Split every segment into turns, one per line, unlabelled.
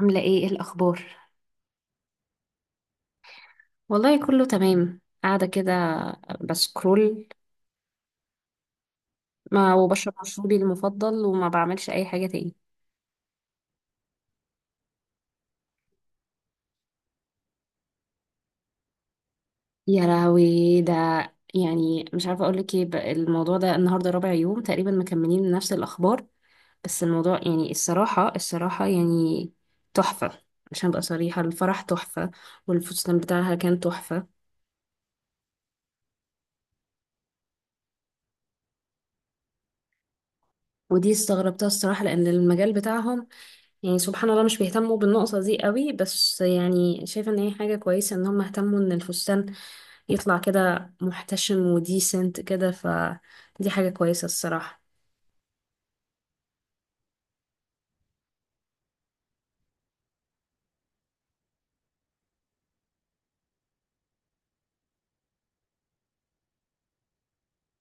عاملة ايه الأخبار؟ والله كله تمام، قاعدة كده بسكرول. ما وبشرب مشروبي المفضل وما بعملش أي حاجة تاني. يا لهوي، ده يعني مش عارفة أقولك ايه بقى. الموضوع ده النهاردة رابع يوم تقريبا مكملين نفس الأخبار. بس الموضوع يعني الصراحة يعني تحفة. عشان أبقى صريحة، الفرح تحفة والفستان بتاعها كان تحفة. ودي استغربتها الصراحة، لأن المجال بتاعهم يعني سبحان الله مش بيهتموا بالنقطة دي قوي، بس يعني شايفة ان هي حاجة كويسة ان هم اهتموا ان الفستان يطلع كده محتشم وديسنت كده، فدي حاجة كويسة الصراحة.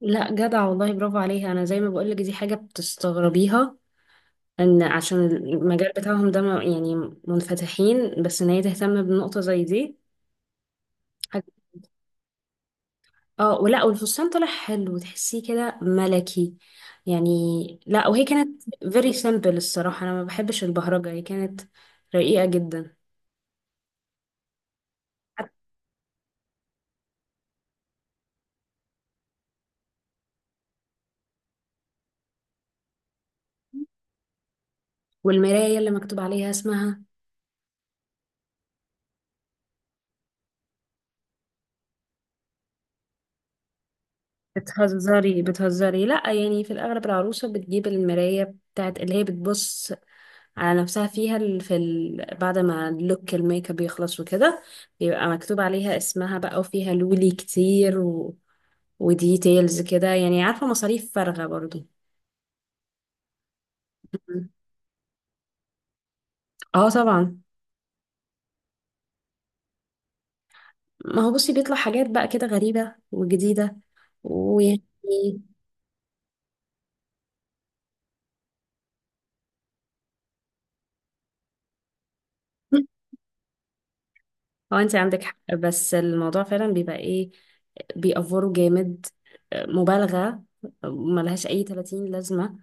لا جدع والله، برافو عليها. انا زي ما بقولك دي حاجة بتستغربيها، ان عشان المجال بتاعهم ده يعني منفتحين، بس ان هي تهتم بنقطة زي دي. اه، ولا والفستان طلع حلو، تحسيه كده ملكي يعني. لا وهي كانت very simple الصراحة، انا ما بحبش البهرجة. هي كانت رقيقة جدا. والمراية اللي مكتوب عليها اسمها. بتهزري بتهزري، لا يعني في الاغلب العروسة بتجيب المراية بتاعت اللي هي بتبص على نفسها فيها، بعد ما اللوك الميك اب يخلص وكده بيبقى مكتوب عليها اسمها بقى، وفيها لولي كتير وديتيلز كده، يعني عارفة مصاريف فارغة برضو. اه طبعا. ما هو بصي بيطلع حاجات بقى كده غريبة وجديدة، ويعني هو انت عندك حق، بس الموضوع فعلا بيبقى ايه، بيأفوروا جامد، مبالغة، ملهاش أي 30 لازمة.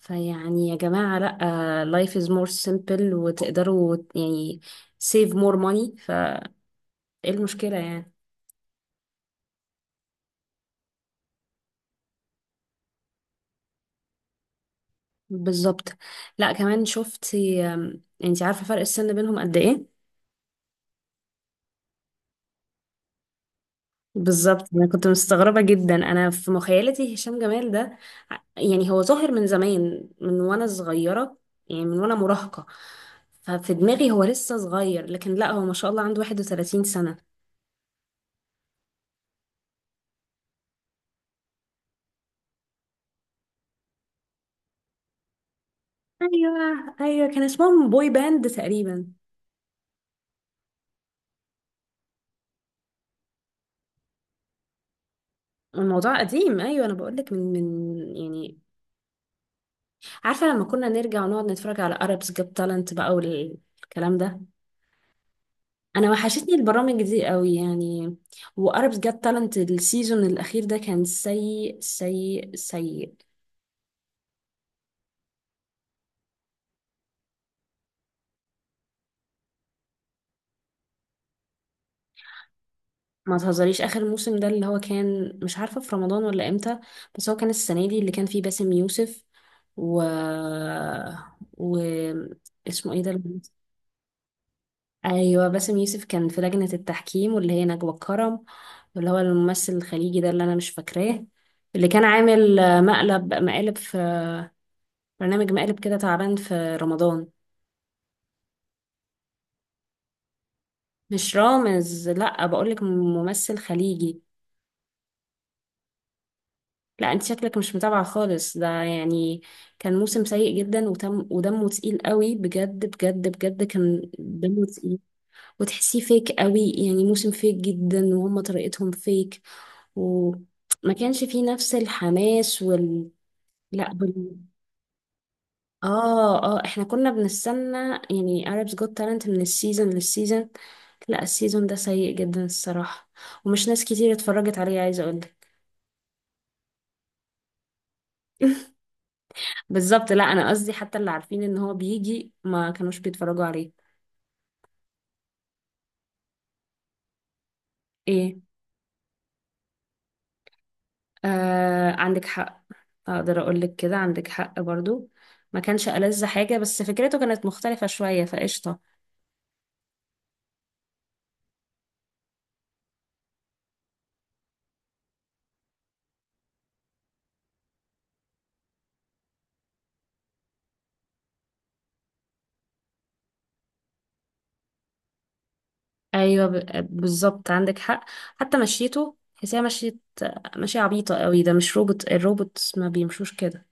فيعني يا جماعة لأ، life is more simple وتقدروا يعني save more money. فايه المشكلة يعني؟ بالظبط. لأ كمان شفتي، انتي عارفة فرق السن بينهم قد ايه؟ بالظبط، انا كنت مستغربه جدا. انا في مخيلتي هشام جمال ده يعني هو ظاهر من زمان، من وانا صغيره يعني، من وانا مراهقه. ففي دماغي هو لسه صغير، لكن لا هو ما شاء الله عنده 31 سنه. ايوه ايوه، كان اسمهم بوي باند تقريبا. الموضوع قديم. ايوه انا بقول لك من يعني. عارفه لما كنا نرجع ونقعد نتفرج على Arabs Got Talent بقى والكلام ده. انا وحشتني البرامج دي قوي يعني. واربس جت تالنت، السيزون الاخير ده كان سيء سيء سيء. ما تهزريش، اخر موسم ده اللي هو كان مش عارفه في رمضان ولا امتى، بس هو كان السنه دي اللي كان فيه باسم يوسف و و اسمه ايه ده ايوه باسم يوسف، كان في لجنه التحكيم واللي هي نجوى الكرم، واللي هو الممثل الخليجي ده اللي انا مش فاكراه، اللي كان عامل مقالب في برنامج مقالب كده تعبان في رمضان. مش رامز، لا بقولك ممثل خليجي. لا انت شكلك مش متابعة خالص ده يعني. كان موسم سيء جدا، وتم، ودمه تقيل قوي بجد بجد بجد، كان دمه تقيل وتحسيه فيك قوي يعني، موسم فيك جدا وهم طريقتهم فيك، وما كانش فيه نفس الحماس لا، اه اه احنا كنا بنستنى يعني Arabs Got Talent من السيزون للسيزون. لا السيزون ده سيء جدا الصراحة، ومش ناس كتير اتفرجت عليه، عايزة اقولك. بالظبط، لا انا قصدي حتى اللي عارفين ان هو بيجي ما كانوش بيتفرجوا عليه. ايه؟ آه، عندك حق. اقدر اقول لك كده، عندك حق برضو. ما كانش ألذ حاجة، بس فكرته كانت مختلفة شوية فقشطة. ايوه، بالظبط عندك حق. حتى مشيته تحسيها مشي، مشي عبيطة قوي، ده مش روبوت، الروبوت ما بيمشوش كده.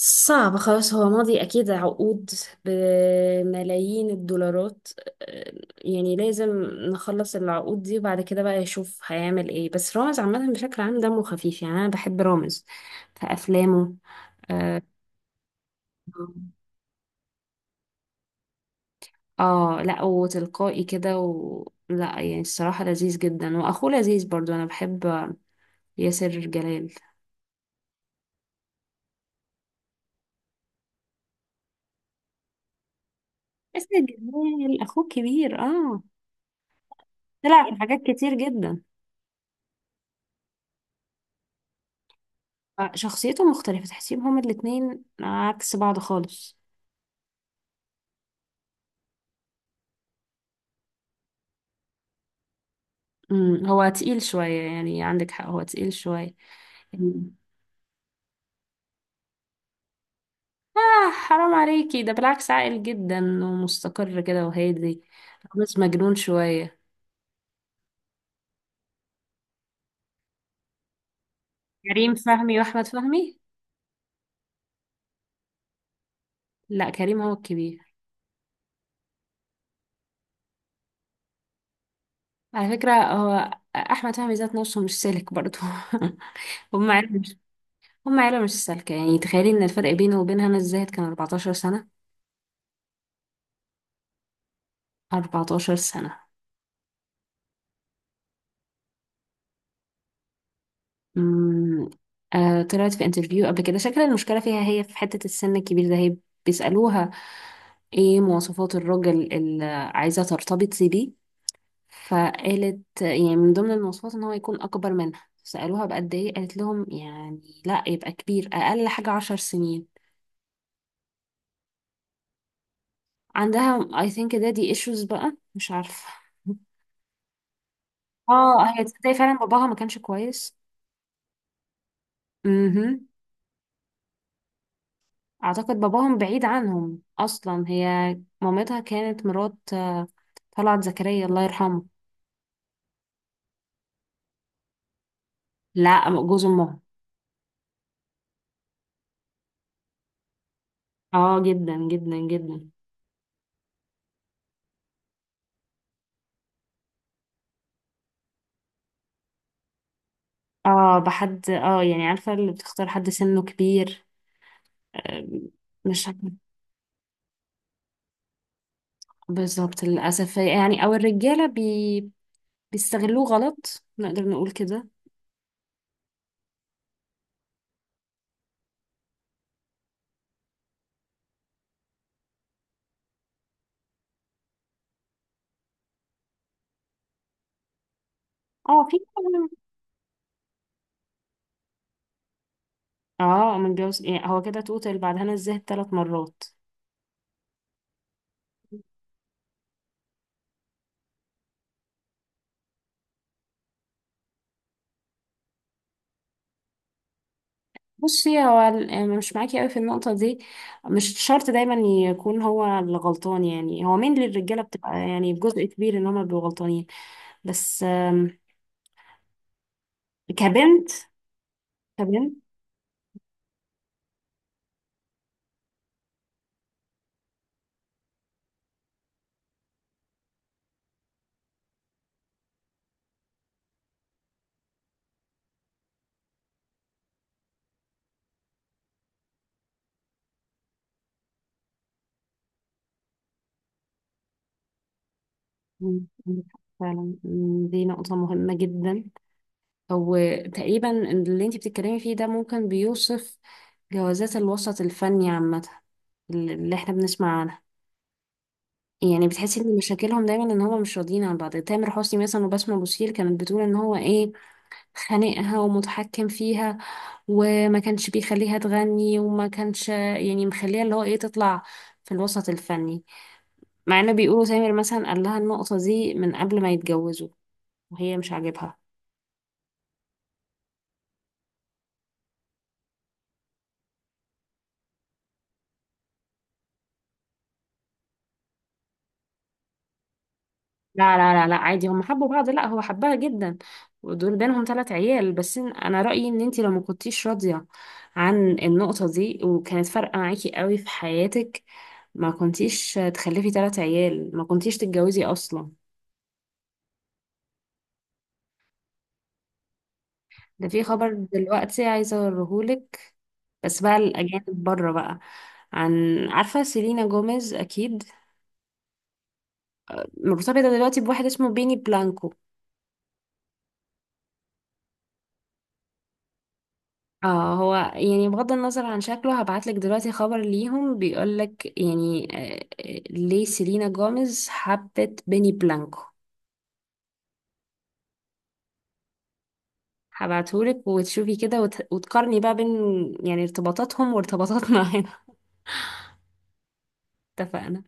صعب خلاص، هو ماضي أكيد عقود بملايين الدولارات. آه، يعني لازم نخلص العقود دي، وبعد كده بقى يشوف هيعمل ايه. بس رامز عامة بشكل عام دمه خفيف يعني، أنا بحب رامز في أفلامه. اه. آه، لا وتلقائي كده لا يعني الصراحة لذيذ جدا، وأخوه لذيذ برضو. أنا بحب ياسر جلال. ياسر جلال أخوه كبير، اه. طلع في حاجات كتير جدا. شخصيته مختلفة، تحسيهم هما الاتنين عكس بعض خالص. هو تقيل شوية يعني، عندك حق، هو تقيل شوية. مم. آه، حرام عليكي، ده بالعكس عاقل جدا، ومستقر كده وهادي. بس مجنون شوية. كريم فهمي وأحمد فهمي. لا كريم هو الكبير. على فكرة هو أحمد فهمي ذات نفسه مش سالك برضه. هم عيلة مش هم عيلة مش سالكة. يعني تخيلي إن الفرق بينه وبينها أنا الزاهد كان 14 سنة، 14 سنة. مم. آه، طلعت في انترفيو قبل كده، شكل المشكلة فيها هي في حتة السن الكبير ده. هي بيسألوها ايه مواصفات الراجل اللي عايزة ترتبط بيه، فقالت يعني من ضمن المواصفات ان هو يكون اكبر منها. سألوها بقد ايه، قالت لهم يعني لا، يبقى كبير اقل حاجة 10 سنين. عندها I think دي issues بقى، مش عارفة. اه. هي تصدقي فعلا باباها ما كانش كويس. مهم. اعتقد باباهم بعيد عنهم اصلا. هي مامتها كانت مرات طلعت زكريا الله يرحمه. لا جوز امها. اه جدا جدا جدا. اه، بحد يعني عارفه اللي بتختار حد سنه كبير، آه، مش عارفة. بالظبط للاسف يعني، او الرجاله بيستغلوه غلط، نقدر نقول كده. اه، في. اه، من جوز يعني، هو كده توتال بعد هنا الزاهد ثلاث مرات. بصي هو يعني مش معاكي قوي في النقطة دي. مش شرط دايما يكون هو اللي غلطان. يعني هو مين للرجالة بتبقى يعني بجزء كبير ان هما بيبقوا غلطانين. بس كبنت. كبنت. مم، عندك حق فعلا. مم، دي نقطة مهمة جدا. وتقريبا اللي انتي بتتكلمي فيه ده ممكن بيوصف جوازات الوسط الفني عامة، اللي احنا بنسمع عنها. يعني بتحسي ان مشاكلهم دايما ان هما مش راضيين عن بعض. تامر حسني مثلا وبسمة بوسيل كانت بتقول ان هو ايه خانقها ومتحكم فيها، وما كانش بيخليها تغني وما كانش يعني مخليها اللي هو ايه تطلع في الوسط الفني، مع انه بيقولوا سامر مثلا قال لها النقطة دي من قبل ما يتجوزوا وهي مش عاجبها. لا لا لا لا، عادي هم حبوا بعض، لا هو حبها جدا، ودول بينهم ثلاث عيال. بس انا رأيي ان انتي لو ما كنتيش راضية عن النقطة دي وكانت فارقة معاكي قوي في حياتك، ما كنتيش تخلفي ثلاث عيال، ما كنتيش تتجوزي اصلا. ده في خبر دلوقتي عايزة أوريهولك، بس بقى الأجانب بره بقى. عارفة سيلينا جوميز أكيد مرتبطة دلوقتي بواحد اسمه بيني بلانكو. اه هو يعني بغض النظر عن شكله، هبعتلك دلوقتي خبر ليهم بيقولك يعني، ليه سيلينا جوميز حبت بيني بلانكو. هبعتهولك وتشوفي كده وتقارني بقى بين يعني ارتباطاتهم وارتباطاتنا. هنا اتفقنا.